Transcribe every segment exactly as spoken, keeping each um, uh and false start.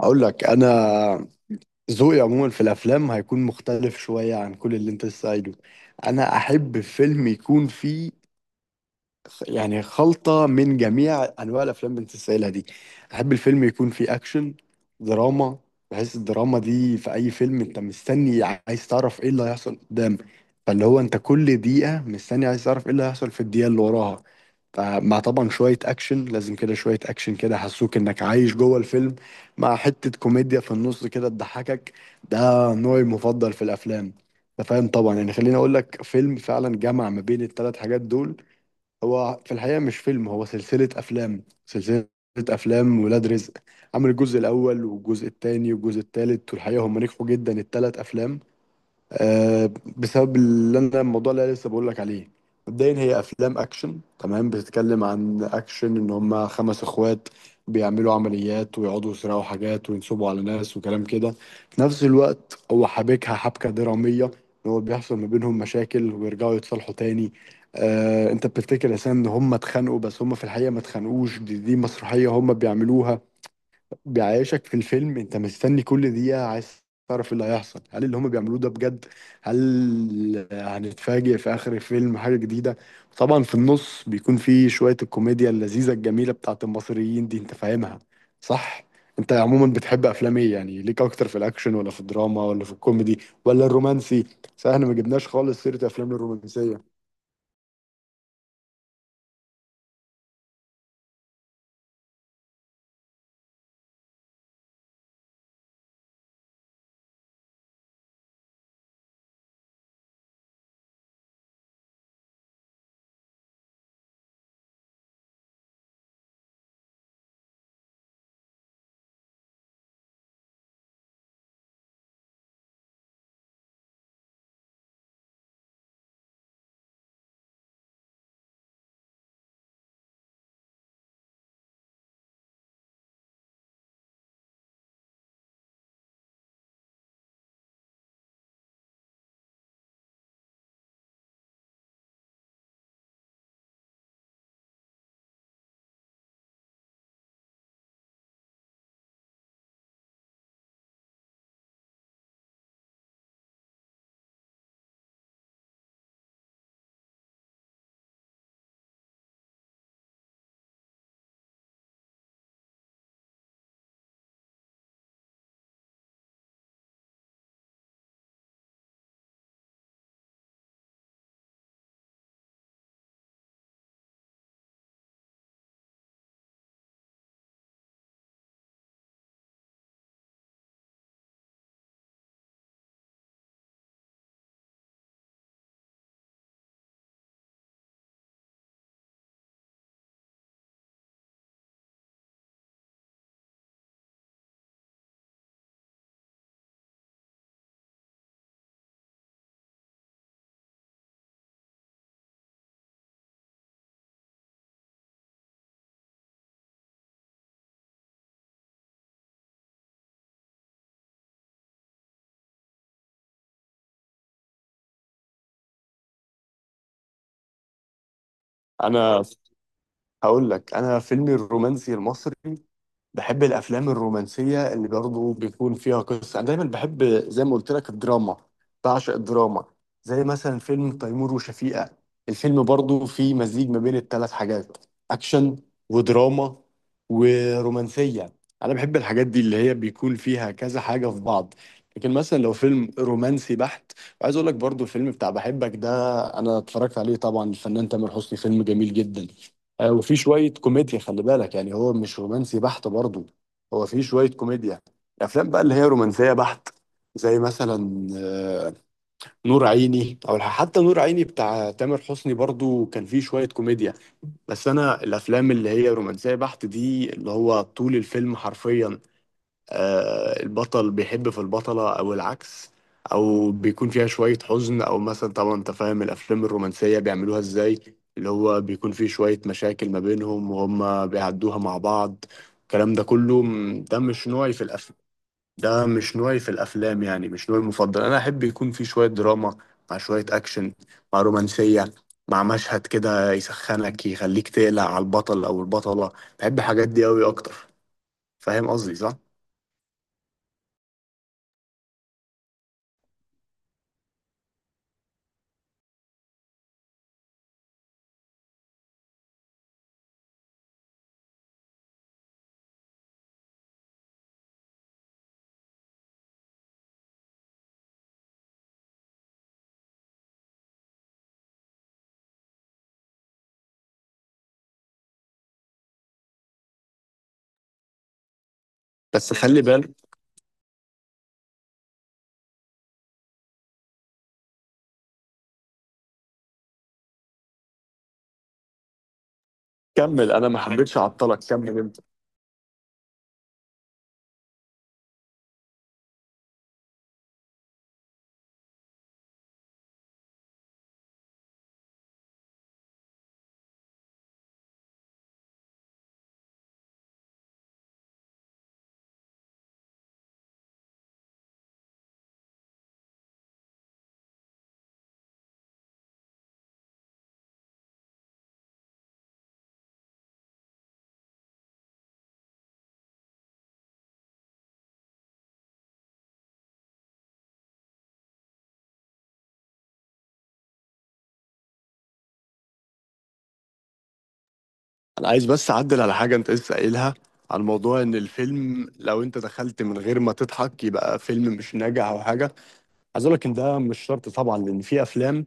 هقول لك انا ذوقي عموما في الافلام هيكون مختلف شويه عن كل اللي انت لسه قايله. انا احب فيلم يكون فيه يعني خلطة من جميع أنواع الأفلام اللي أنت سائلها دي. أحب الفيلم يكون فيه أكشن، دراما، بحيث الدراما دي في أي فيلم أنت مستني عايز تعرف إيه اللي هيحصل قدام، فاللي هو أنت كل دقيقة مستني عايز تعرف إيه اللي هيحصل في الدقيقة اللي وراها، فمع طبعا شوية أكشن، لازم كده شوية أكشن كده حسوك إنك عايش جوه الفيلم، مع حتة كوميديا في النص كده تضحكك. ده نوعي المفضل في الأفلام. أنت فاهم طبعا، يعني خليني أقول لك فيلم فعلا جمع ما بين الثلاث حاجات دول. هو في الحقيقة مش فيلم، هو سلسلة أفلام، سلسلة أفلام ولاد رزق. عمل الجزء الأول والجزء التاني والجزء التالت، والحقيقة هم نجحوا جدا التلات أفلام. آه، بسبب اللي انا الموضوع اللي أنا لسه بقول لك عليه. مبدئيا هي افلام اكشن، تمام، بتتكلم عن اكشن ان هم خمس اخوات بيعملوا عمليات ويقعدوا يسرقوا حاجات وينصبوا على ناس وكلام كده. في نفس الوقت هو حابكها حبكه دراميه، ان هو بيحصل ما بينهم مشاكل ويرجعوا يتصالحوا تاني. آه، انت بتفتكر اساسا ان هم اتخانقوا، بس هم في الحقيقه ما اتخانقوش، دي, دي مسرحيه هم بيعملوها. بيعيشك في الفيلم، انت مستني كل دقيقة عايز تعرف إيه اللي هيحصل، هل اللي هم بيعملوه ده بجد؟ هل هنتفاجئ في اخر الفيلم حاجة جديدة؟ طبعا في النص بيكون في شوية الكوميديا اللذيذة الجميلة بتاعت المصريين دي، انت فاهمها صح؟ انت عموما بتحب افلام ايه؟ يعني ليك اكتر في الاكشن، ولا في الدراما، ولا في الكوميدي، ولا الرومانسي؟ صح، احنا ما جبناش خالص سيرة افلام الرومانسية. انا هقول لك، انا فيلمي الرومانسي المصري، بحب الافلام الرومانسيه اللي برضه بيكون فيها قصه. انا دايما بحب زي ما قلت لك الدراما، بعشق الدراما. زي مثلا فيلم تيمور وشفيقة، الفيلم برضه فيه مزيج ما بين الثلاث حاجات: اكشن، ودراما، ورومانسيه. انا بحب الحاجات دي اللي هي بيكون فيها كذا حاجه في بعض. لكن مثلا لو فيلم رومانسي بحت، وعايز اقول لك برضه الفيلم بتاع بحبك ده، انا اتفرجت عليه طبعا، الفنان تامر حسني، فيلم جميل جدا. آه، وفي شوية كوميديا، خلي بالك، يعني هو مش رومانسي بحت برضه، هو في شوية كوميديا. الأفلام بقى اللي هي رومانسية بحت، زي مثلا آه، نور عيني، أو حتى نور عيني بتاع تامر حسني برضه كان فيه شوية كوميديا. بس أنا الأفلام اللي هي رومانسية بحت دي، اللي هو طول الفيلم حرفيا آه، البطل بيحب في البطلة أو العكس، أو بيكون فيها شوية حزن، أو مثلا طبعا أنت فاهم الأفلام الرومانسية بيعملوها إزاي، اللي هو بيكون فيه شوية مشاكل ما بينهم وهم بيعدوها مع بعض. الكلام ده كله م- ده مش نوعي في الأفلام، ده مش نوعي في الأفلام، يعني مش نوعي المفضل. أنا أحب يكون فيه شوية دراما، مع شوية أكشن، مع رومانسية، مع مشهد كده يسخنك يخليك تقلق على البطل أو البطلة. بحب الحاجات دي أوي أكتر. فاهم قصدي صح؟ بس خلي بالك، كمل، انا ما حبيتش اعطلك، كمل انت. انا عايز بس اعدل على حاجه انت لسه قايلها، عن موضوع ان الفيلم لو انت دخلت من غير ما تضحك يبقى فيلم مش ناجح او حاجه. عايز اقول لك ان ده مش شرط طبعا، لان في افلام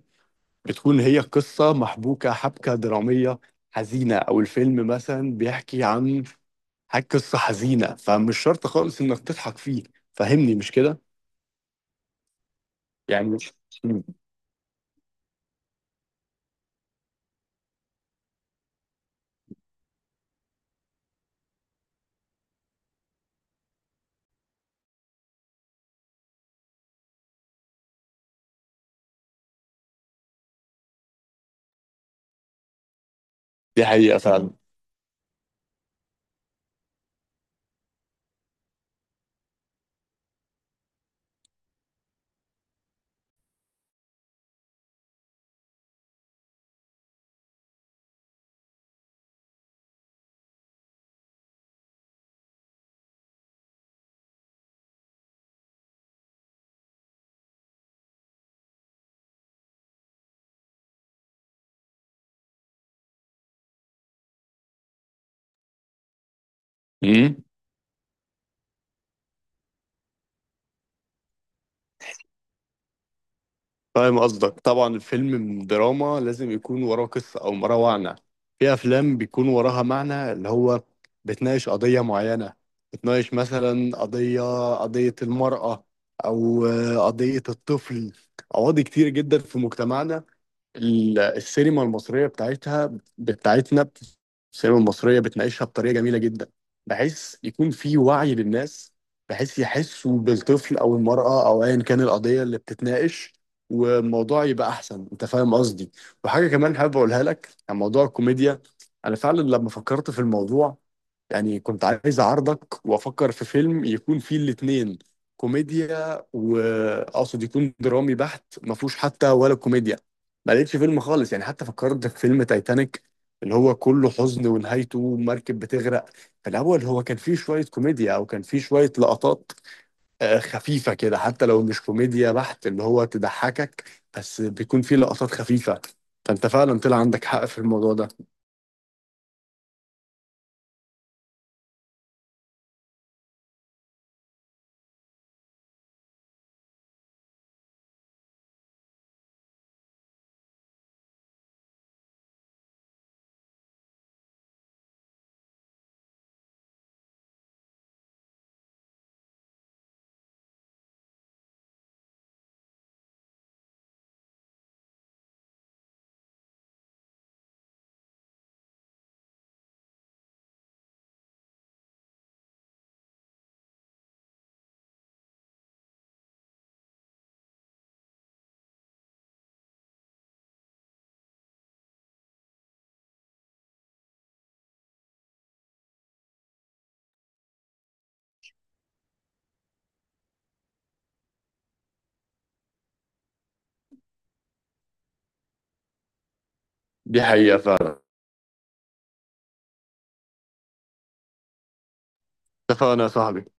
بتكون هي قصه محبوكه حبكه دراميه حزينه، او الفيلم مثلا بيحكي عن حاجه، قصه حزينه، فمش شرط خالص انك تضحك فيه. فهمني مش كده؟ يعني مم. دي حقيقه فعلا. فاهم قصدك طبعا، الفيلم دراما لازم يكون وراه قصة أو وراه معنى. في أفلام بيكون وراها معنى، اللي هو بتناقش قضية معينة، بتناقش مثلا قضية، قضية المرأة، أو آه، قضية الطفل. قواضي كتير جدا في مجتمعنا، ال- السينما المصرية بتاعتها، بتاعتنا، السينما المصرية بتناقشها بطريقة جميلة جدا، بحيث يكون في وعي للناس، بحيث يحسوا بالطفل أو المرأة أو أيا كان القضية اللي بتتناقش، والموضوع يبقى أحسن. أنت فاهم قصدي. وحاجة كمان حابب أقولها لك عن موضوع الكوميديا، أنا فعلا لما فكرت في الموضوع، يعني كنت عايز اعارضك وافكر في فيلم يكون فيه الاتنين، كوميديا، واقصد يكون درامي بحت ما فيهوش حتى ولا كوميديا. ما لقيتش فيلم خالص، يعني حتى فكرت في فيلم تايتانيك، اللي هو كله حزن ونهايته مركب بتغرق، في الاول هو كان فيه شوية كوميديا، او كان فيه شوية لقطات آه، خفيفة كده، حتى لو مش كوميديا بحت اللي هو تضحكك، بس بيكون فيه لقطات خفيفة. فانت فعلا طلع عندك حق في الموضوع ده. دي حقيقة فعلا. اتفقنا يا صاحبي.